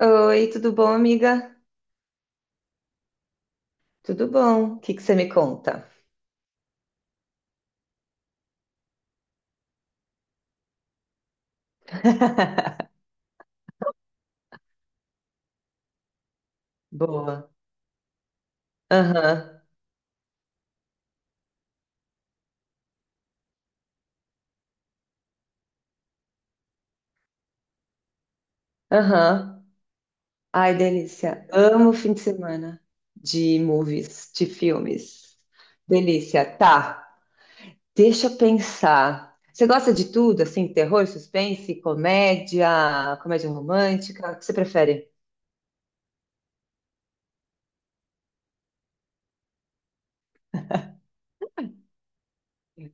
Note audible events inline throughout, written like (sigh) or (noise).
Oi, tudo bom, amiga? Tudo bom? O que que você me conta? (laughs) Boa. Aham, aham. Ai, delícia. Amo fim de semana de movies, de filmes. Delícia. Tá, deixa eu pensar. Você gosta de tudo, assim, terror, suspense, comédia, comédia romântica? O que você prefere?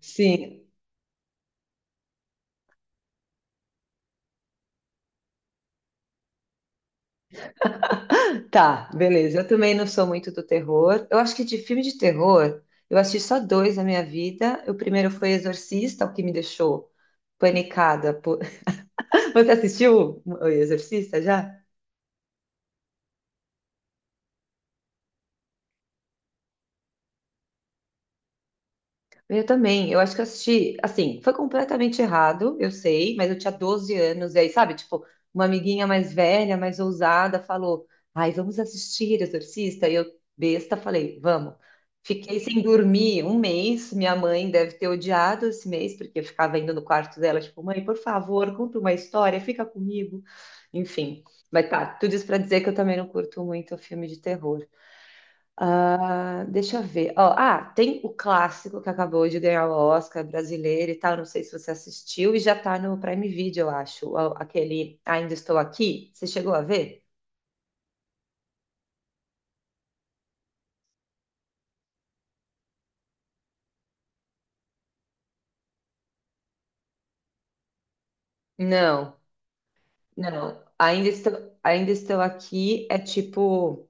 Sim. Tá, beleza. Eu também não sou muito do terror. Eu acho que de filme de terror, eu assisti só dois na minha vida. O primeiro foi Exorcista, o que me deixou panicada. (laughs) Você assistiu o Exorcista já? Eu também, eu acho que eu assisti, assim, foi completamente errado, eu sei, mas eu tinha 12 anos, e aí, sabe, tipo, uma amiguinha mais velha, mais ousada, falou, ai, vamos assistir Exorcista, e eu, besta, falei, vamos. Fiquei sem dormir um mês, minha mãe deve ter odiado esse mês, porque eu ficava indo no quarto dela, tipo, mãe, por favor, conta uma história, fica comigo, enfim. Mas tá, tudo isso pra dizer que eu também não curto muito filme de terror. Ah, deixa eu ver. Ó, ah, tem o clássico que acabou de ganhar o Oscar brasileiro e tal. Não sei se você assistiu e já tá no Prime Video, eu acho. Ó, Aquele Ainda Estou Aqui. Você chegou a ver? Não, não. Ainda estou aqui. É tipo.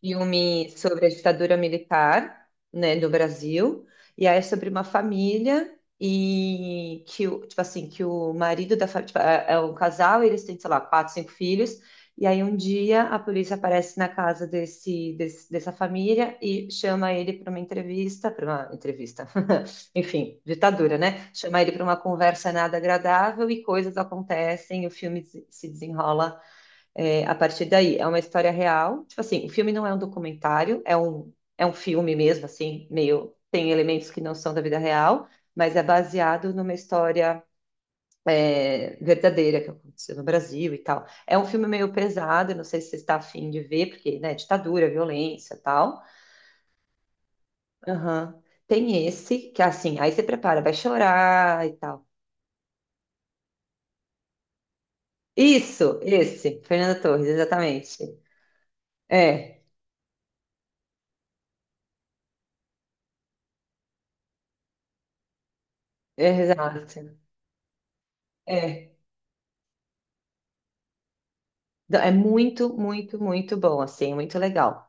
Filme sobre a ditadura militar, né, do Brasil, e aí é sobre uma família e que o, tipo assim, que o marido da família, é um casal, eles têm, sei lá, quatro, cinco filhos, e aí um dia a polícia aparece na casa dessa família e chama ele para uma entrevista, (laughs) enfim, ditadura, né? Chama ele para uma conversa nada agradável e coisas acontecem, o filme se desenrola a partir daí. É uma história real. Tipo assim, o filme não é um documentário, é um filme mesmo, assim, meio. Tem elementos que não são da vida real, mas é baseado numa história verdadeira que aconteceu no Brasil e tal. É um filme meio pesado, não sei se você está afim de ver, porque, né, ditadura, violência e tal. Aham. Tem esse, que é assim, aí você prepara, vai chorar e tal. Isso, esse, Fernando Torres, exatamente. É, é, exato. É. Não, é muito, muito, muito bom, assim, muito legal.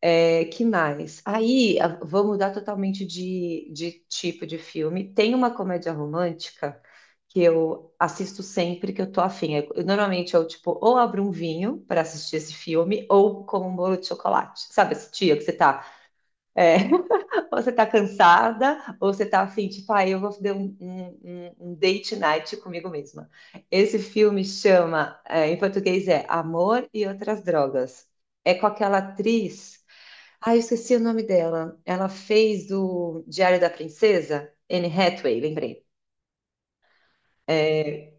É, que mais? Aí, vou mudar totalmente de tipo de filme. Tem uma comédia romântica que eu assisto sempre que eu tô afim. Eu normalmente eu, tipo, ou abro um vinho para assistir esse filme, ou como um bolo de chocolate. Sabe, esse dia que você tá... é, ou você tá cansada, ou você tá assim, tipo, ah, eu vou fazer um date night comigo mesma. Esse filme chama, é, em português é Amor e Outras Drogas. É com aquela atriz, ah, eu esqueci o nome dela. Ela fez do Diário da Princesa, Anne Hathaway, lembrei. É,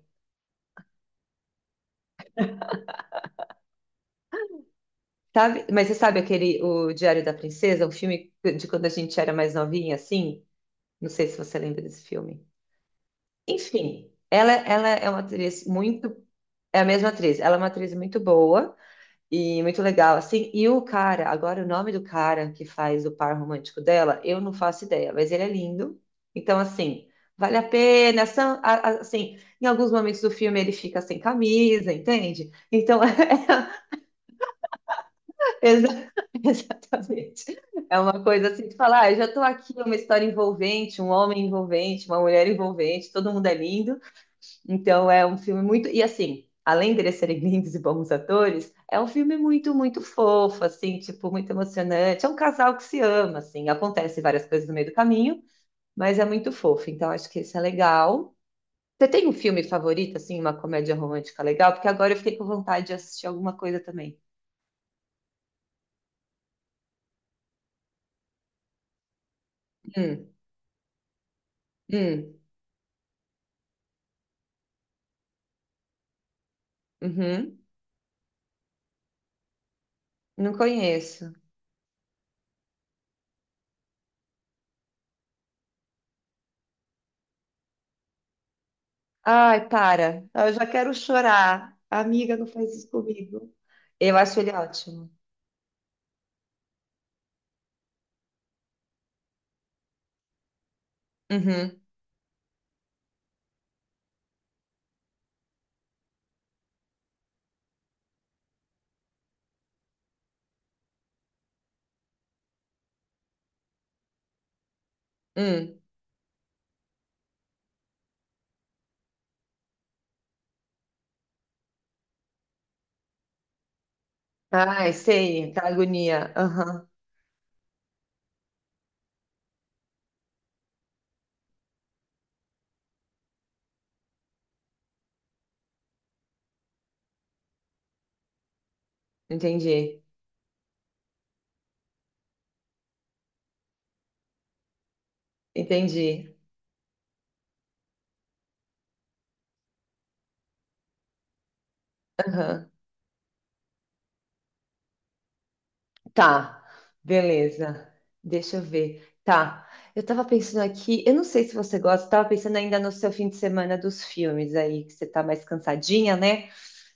mas você sabe aquele, o Diário da Princesa, um filme de quando a gente era mais novinha, assim? Não sei se você lembra desse filme. Enfim, ela é uma atriz muito. É a mesma atriz. Ela é uma atriz muito boa e muito legal, assim. E o cara, agora o nome do cara que faz o par romântico dela, eu não faço ideia, mas ele é lindo. Então, assim, vale a pena. Assim, em alguns momentos do filme ele fica sem camisa, entende? Então, (laughs) exa- (laughs) exatamente. É uma coisa assim de falar, ah, eu já tô aqui, uma história envolvente, um homem envolvente, uma mulher envolvente, todo mundo é lindo. Então é um filme muito. E assim, além deles serem (laughs) lindos e bons atores, é um filme muito, muito fofo, assim, tipo, muito emocionante. É um casal que se ama, assim, acontece várias coisas no meio do caminho, mas é muito fofo. Então acho que isso é legal. Você tem um filme favorito, assim, uma comédia romântica legal? Porque agora eu fiquei com vontade de assistir alguma coisa também. Hum, hum, uhum. Não conheço. Ai, para. Eu já quero chorar. Amiga, não faz isso comigo. Eu acho ele ótimo. Uhum, hum. Ai, sei, tá agonia. Aham, entendi. Entendi. Aham, tá. Beleza. Deixa eu ver. Tá. Eu tava pensando aqui, eu não sei se você gosta, eu tava pensando ainda no seu fim de semana dos filmes aí, que você tá mais cansadinha, né?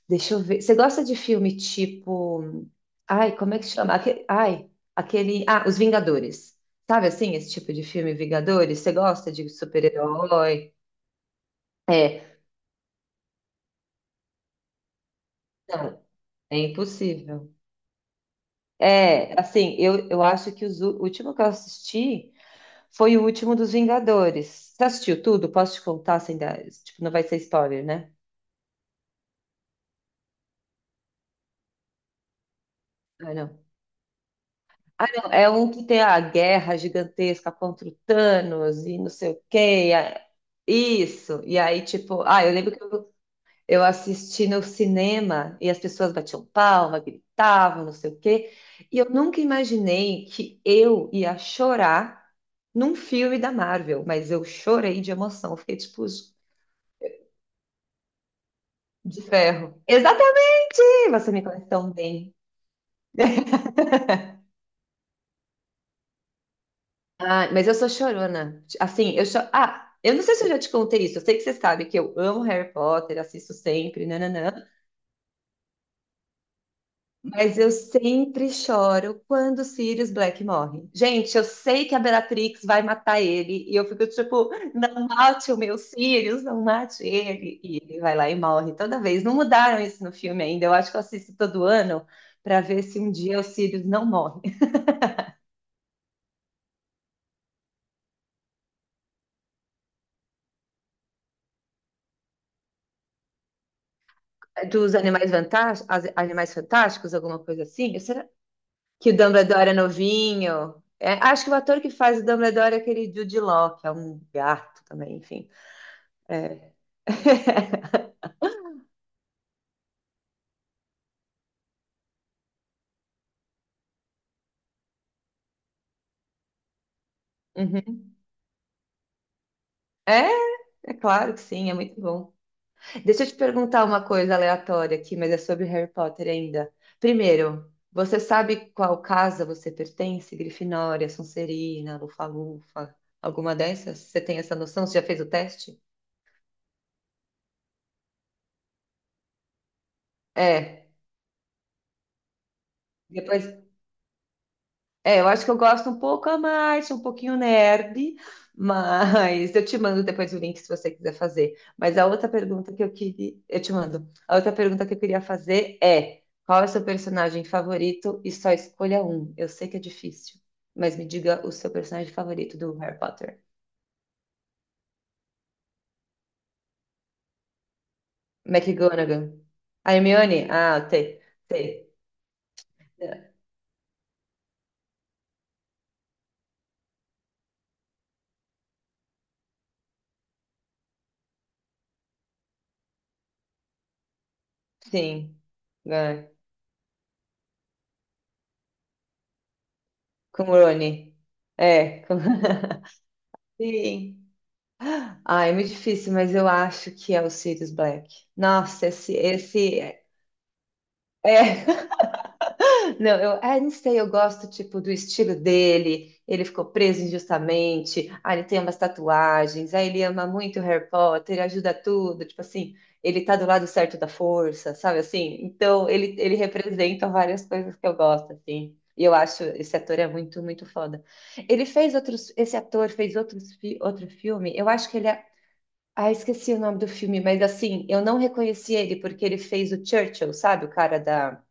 Deixa eu ver. Você gosta de filme tipo. Ai, como é que chama? Ai, aquele. Ah, Os Vingadores. Sabe assim, esse tipo de filme, Vingadores? Você gosta de super-herói? É. Não, é impossível. É, assim, eu, eu acho que o último que eu assisti foi o último dos Vingadores. Você assistiu tudo? Posso te contar sem dar? Tipo, não vai ser spoiler, né? Ah, não. Ah, não. É um que tem a guerra gigantesca contra o Thanos e não sei o quê. Isso. E aí, tipo, ah, eu lembro que eu. Eu assisti no cinema e as pessoas batiam palma, gritavam, não sei o quê. E eu nunca imaginei que eu ia chorar num filme da Marvel, mas eu chorei de emoção, eu fiquei tipo de ferro. Exatamente! Você me conhece tão bem. (laughs) Ah, mas eu sou chorona. Assim, eu cho... Ah, eu não sei se eu já te contei isso. Eu sei que você sabe que eu amo Harry Potter, assisto sempre, nananã. Mas eu sempre choro quando o Sirius Black morre. Gente, eu sei que a Bellatrix vai matar ele. E eu fico tipo, não mate o meu Sirius, não mate ele. E ele vai lá e morre toda vez. Não mudaram isso no filme ainda. Eu acho que eu assisto todo ano para ver se um dia o Sirius não morre. (laughs) Dos Animais Fantásticos, Animais Fantásticos, alguma coisa assim? Será que o Dumbledore é novinho? É, acho que o ator que faz o Dumbledore é aquele Jude Law, que é um gato também, enfim. É. (laughs) Uhum. É, é claro que sim, é muito bom. Deixa eu te perguntar uma coisa aleatória aqui, mas é sobre Harry Potter ainda. Primeiro, você sabe qual casa você pertence? Grifinória, Sonserina, Lufa-Lufa, alguma dessas? Você tem essa noção? Você já fez o teste? É. Depois, é, eu acho que eu gosto um pouco a mais, um pouquinho nerd, (laughs) mas eu te mando depois o link se você quiser fazer. Mas a outra pergunta que eu queria, eu te mando. A outra pergunta que eu queria fazer é: qual é o seu personagem favorito e só escolha um? Eu sei que é difícil, mas me diga o seu personagem favorito do Harry Potter. McGonagall. A Hermione? Ah, T. T. Sim. É. Com o Rony. É. (laughs) Sim. Ah, é muito difícil, mas eu acho que é o Sirius Black. Nossa, (laughs) não, eu, é, não sei, eu gosto, tipo, do estilo dele, ele ficou preso injustamente, ah, ele tem umas tatuagens, aí ele ama muito Harry Potter, ajuda tudo, tipo assim, ele tá do lado certo da força, sabe assim? Então, ele representa várias coisas que eu gosto, assim. E eu acho, esse ator é muito, muito foda. Esse ator fez outros, outro filme, eu acho que ele é. Ah, esqueci o nome do filme, mas assim, eu não reconheci ele porque ele fez o Churchill, sabe? O cara da,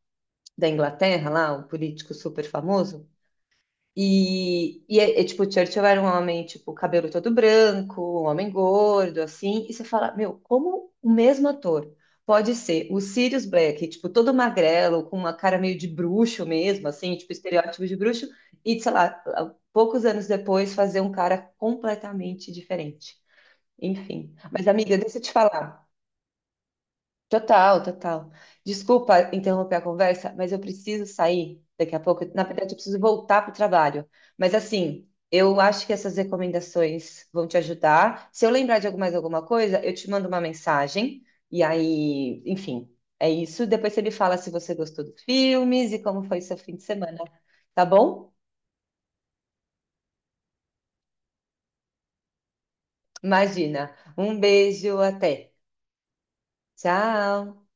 da Inglaterra lá, um político super famoso. É, tipo, o Churchill era um homem, tipo, cabelo todo branco, um homem gordo, assim. E você fala, meu, como o mesmo ator pode ser o Sirius Black, tipo, todo magrelo, com uma cara meio de bruxo mesmo, assim, tipo, estereótipo de bruxo, e, sei lá, poucos anos depois fazer um cara completamente diferente. Enfim. Mas, amiga, deixa eu te falar. Total, total. Desculpa interromper a conversa, mas eu preciso sair daqui a pouco. Na verdade, eu preciso voltar para o trabalho. Mas assim, eu acho que essas recomendações vão te ajudar. Se eu lembrar de mais alguma coisa, eu te mando uma mensagem. E aí, enfim, é isso. Depois você me fala se você gostou dos filmes e como foi seu fim de semana, tá bom? Imagina. Um beijo, até. Tchau.